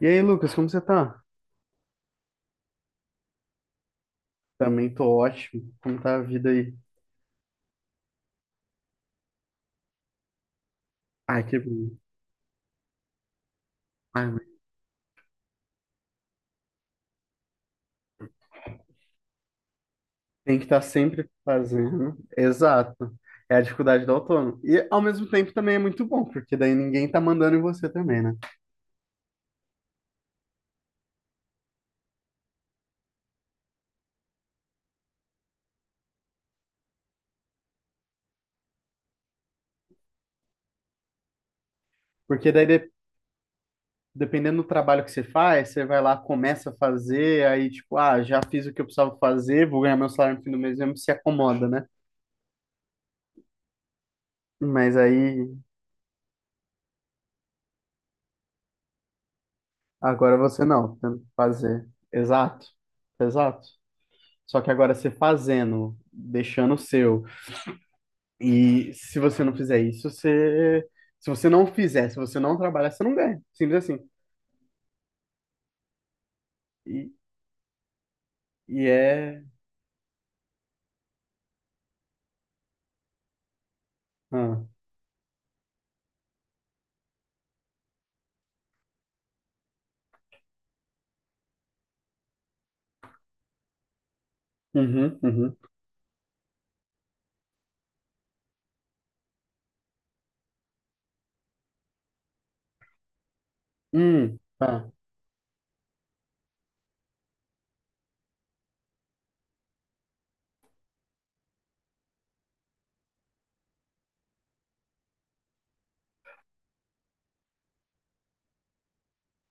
E aí, Lucas, como você tá? Também tô ótimo. Como tá a vida aí? Ai, que bom. Ai, mas tem que estar sempre fazendo. Exato. É a dificuldade do autônomo. E ao mesmo tempo também é muito bom, porque daí ninguém tá mandando em você também, né? Porque daí, dependendo do trabalho que você faz, você vai lá, começa a fazer, aí tipo, ah, já fiz o que eu precisava fazer, vou ganhar meu salário no fim do mês mesmo, se acomoda, né? Mas aí, agora você não, tem que fazer. Exato. Exato. Só que agora você fazendo, deixando o seu. E se você não fizer isso, você. Se você não fizer, se você não trabalhar, você não ganha. Simples assim. E, e é. Ah. Uhum, uhum. Tá.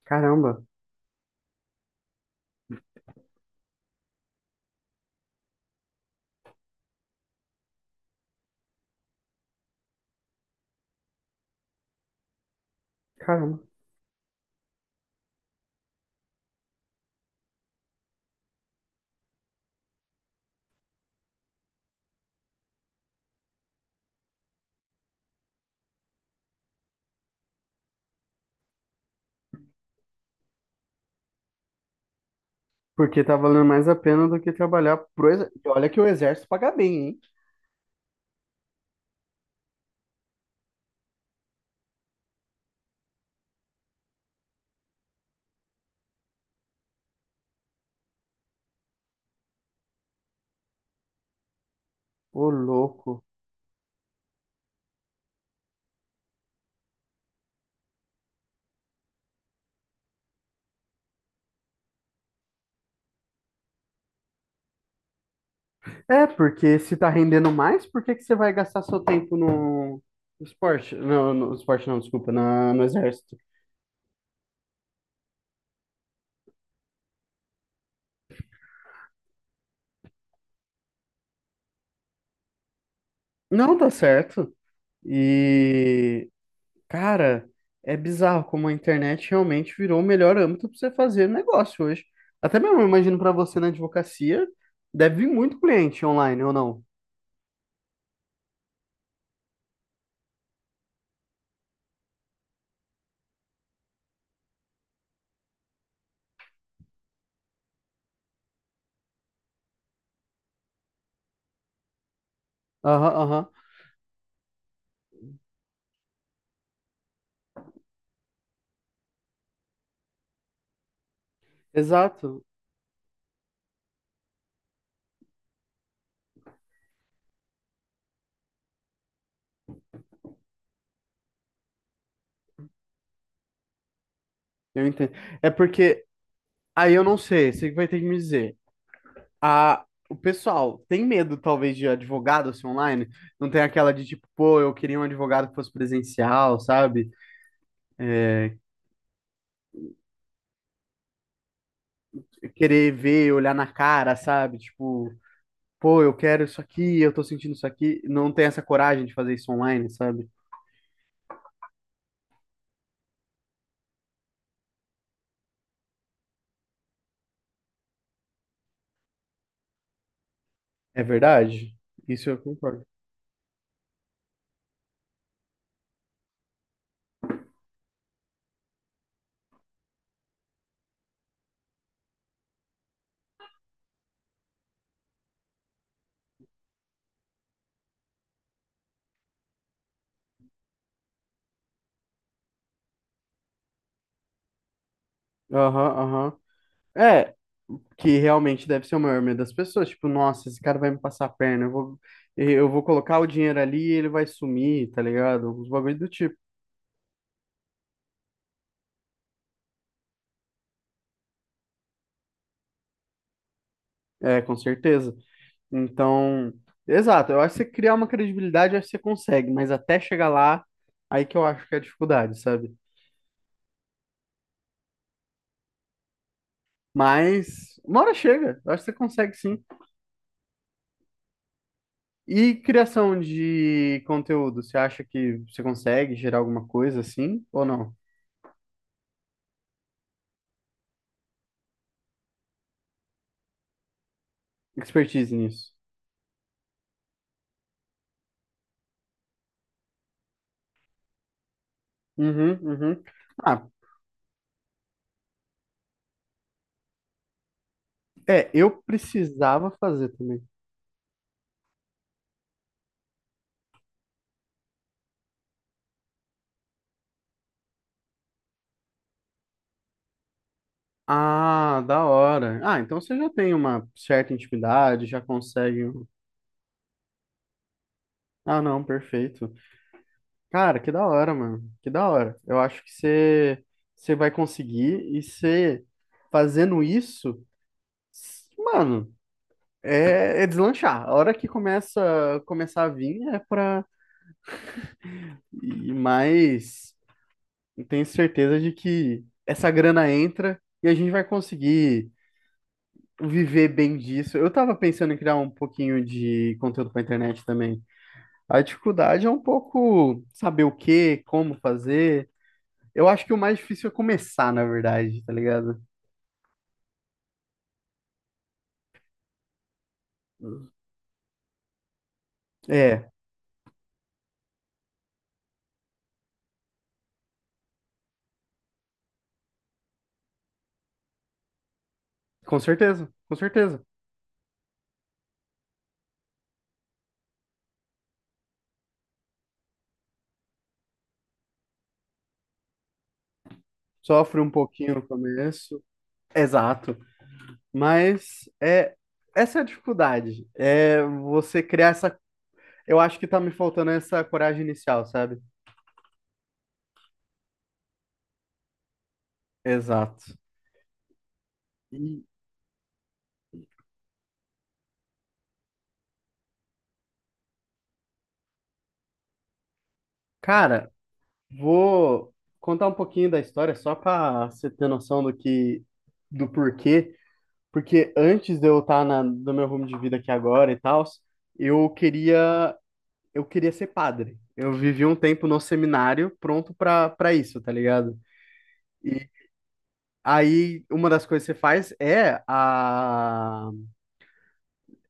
Caramba, caramba. Porque tá valendo mais a pena do que trabalhar pro exército. Olha que o exército paga bem, hein? Ô, louco. É, porque se tá rendendo mais, por que que você vai gastar seu tempo no esporte? Não, no esporte não, desculpa, no exército. Não, tá certo. E, cara, é bizarro como a internet realmente virou o melhor âmbito para você fazer negócio hoje. Até mesmo, eu imagino para você na advocacia, deve vir muito cliente online ou não? Aham, aham. Exato. Eu entendo. É porque aí eu não sei, você que vai ter que me dizer. A, o pessoal tem medo, talvez, de advogado ser online? Não tem aquela de tipo, pô, eu queria um advogado que fosse presencial, sabe? É, querer ver, olhar na cara, sabe? Tipo. Pô, eu quero isso aqui, eu tô sentindo isso aqui, não tem essa coragem de fazer isso online, sabe? É verdade? Isso eu concordo. Aham, aham. É, que realmente deve ser o maior medo das pessoas, tipo, nossa, esse cara vai me passar a perna, eu vou colocar o dinheiro ali e ele vai sumir, tá ligado? Uns bagulho do tipo. É, com certeza. Então, exato, eu acho que você criar uma credibilidade, eu acho que você consegue, mas até chegar lá, aí que eu acho que é a dificuldade, sabe? Mas uma hora chega, eu acho que você consegue sim. E criação de conteúdo, você acha que você consegue gerar alguma coisa assim ou não? Expertise nisso. Uhum, uhum. Ah, é, eu precisava fazer também. Ah, da hora. Ah, então você já tem uma certa intimidade, já consegue. Ah, não, perfeito. Cara, que da hora, mano. Que da hora. Eu acho que você vai conseguir e você fazendo isso, mano, É deslanchar. A hora que começar a vir é para ir mais. Eu tenho certeza de que essa grana entra e a gente vai conseguir viver bem disso. Eu tava pensando em criar um pouquinho de conteúdo para internet também. A dificuldade é um pouco saber o que, como fazer. Eu acho que o mais difícil é começar, na verdade, tá ligado? É, com certeza, com certeza. Sofre um pouquinho no começo. Exato. Mas essa é a dificuldade. É você criar essa. Eu acho que tá me faltando essa coragem inicial, sabe? Exato. E, cara, vou contar um pouquinho da história só pra você ter noção do que, do porquê. Porque antes de eu estar no meu rumo de vida aqui agora e tal, eu queria, eu queria ser padre. Eu vivi um tempo no seminário pronto pra para isso, tá ligado? E aí, uma das coisas que você faz é a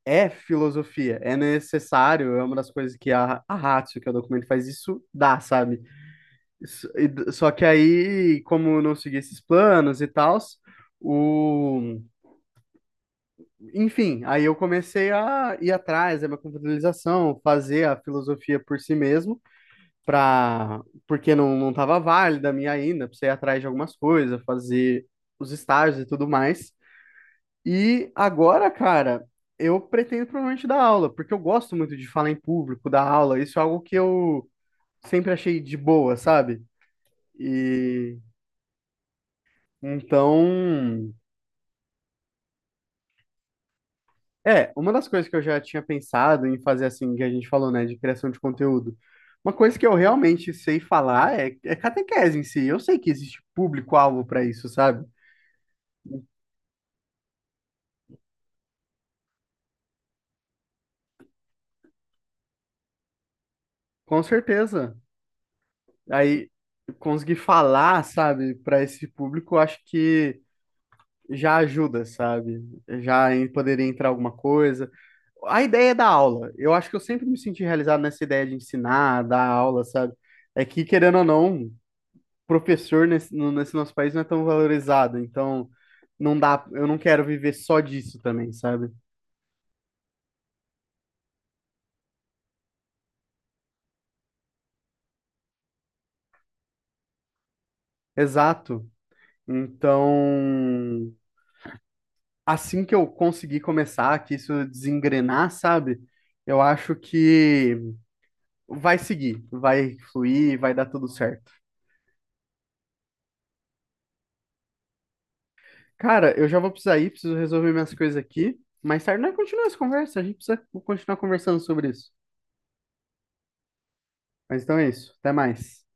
é filosofia, é necessário, é uma das coisas que a Ratio, que é o documento, faz isso, dá, sabe? Isso- e Só que aí, como eu não segui esses planos e tal, o... enfim, aí eu comecei a ir atrás da minha computabilização, fazer a filosofia por si mesmo. Porque não estava válida a minha ainda, precisei ir atrás de algumas coisas, fazer os estágios e tudo mais. E agora, cara, eu pretendo provavelmente dar aula, porque eu gosto muito de falar em público, dar aula. Isso é algo que eu sempre achei de boa, sabe? E então, é, uma das coisas que eu já tinha pensado em fazer assim, que a gente falou, né, de criação de conteúdo. Uma coisa que eu realmente sei falar é, catequese em si. Eu sei que existe público-alvo para isso, sabe? Com certeza. Aí, conseguir falar, sabe, para esse público, eu acho que já ajuda, sabe? Já poderia entrar alguma coisa. A ideia da aula, eu acho que eu sempre me senti realizado nessa ideia de ensinar, dar aula, sabe? É que, querendo ou não, professor nesse nosso país não é tão valorizado, então não dá, eu não quero viver só disso também, sabe? Exato. Então, assim que eu conseguir começar, que isso desengrenar, sabe? Eu acho que vai seguir, vai fluir, vai dar tudo certo. Cara, eu já vou precisar ir, preciso resolver minhas coisas aqui. Mais tarde nós continuamos essa conversa, a gente precisa continuar conversando sobre isso. Mas então é isso, até mais.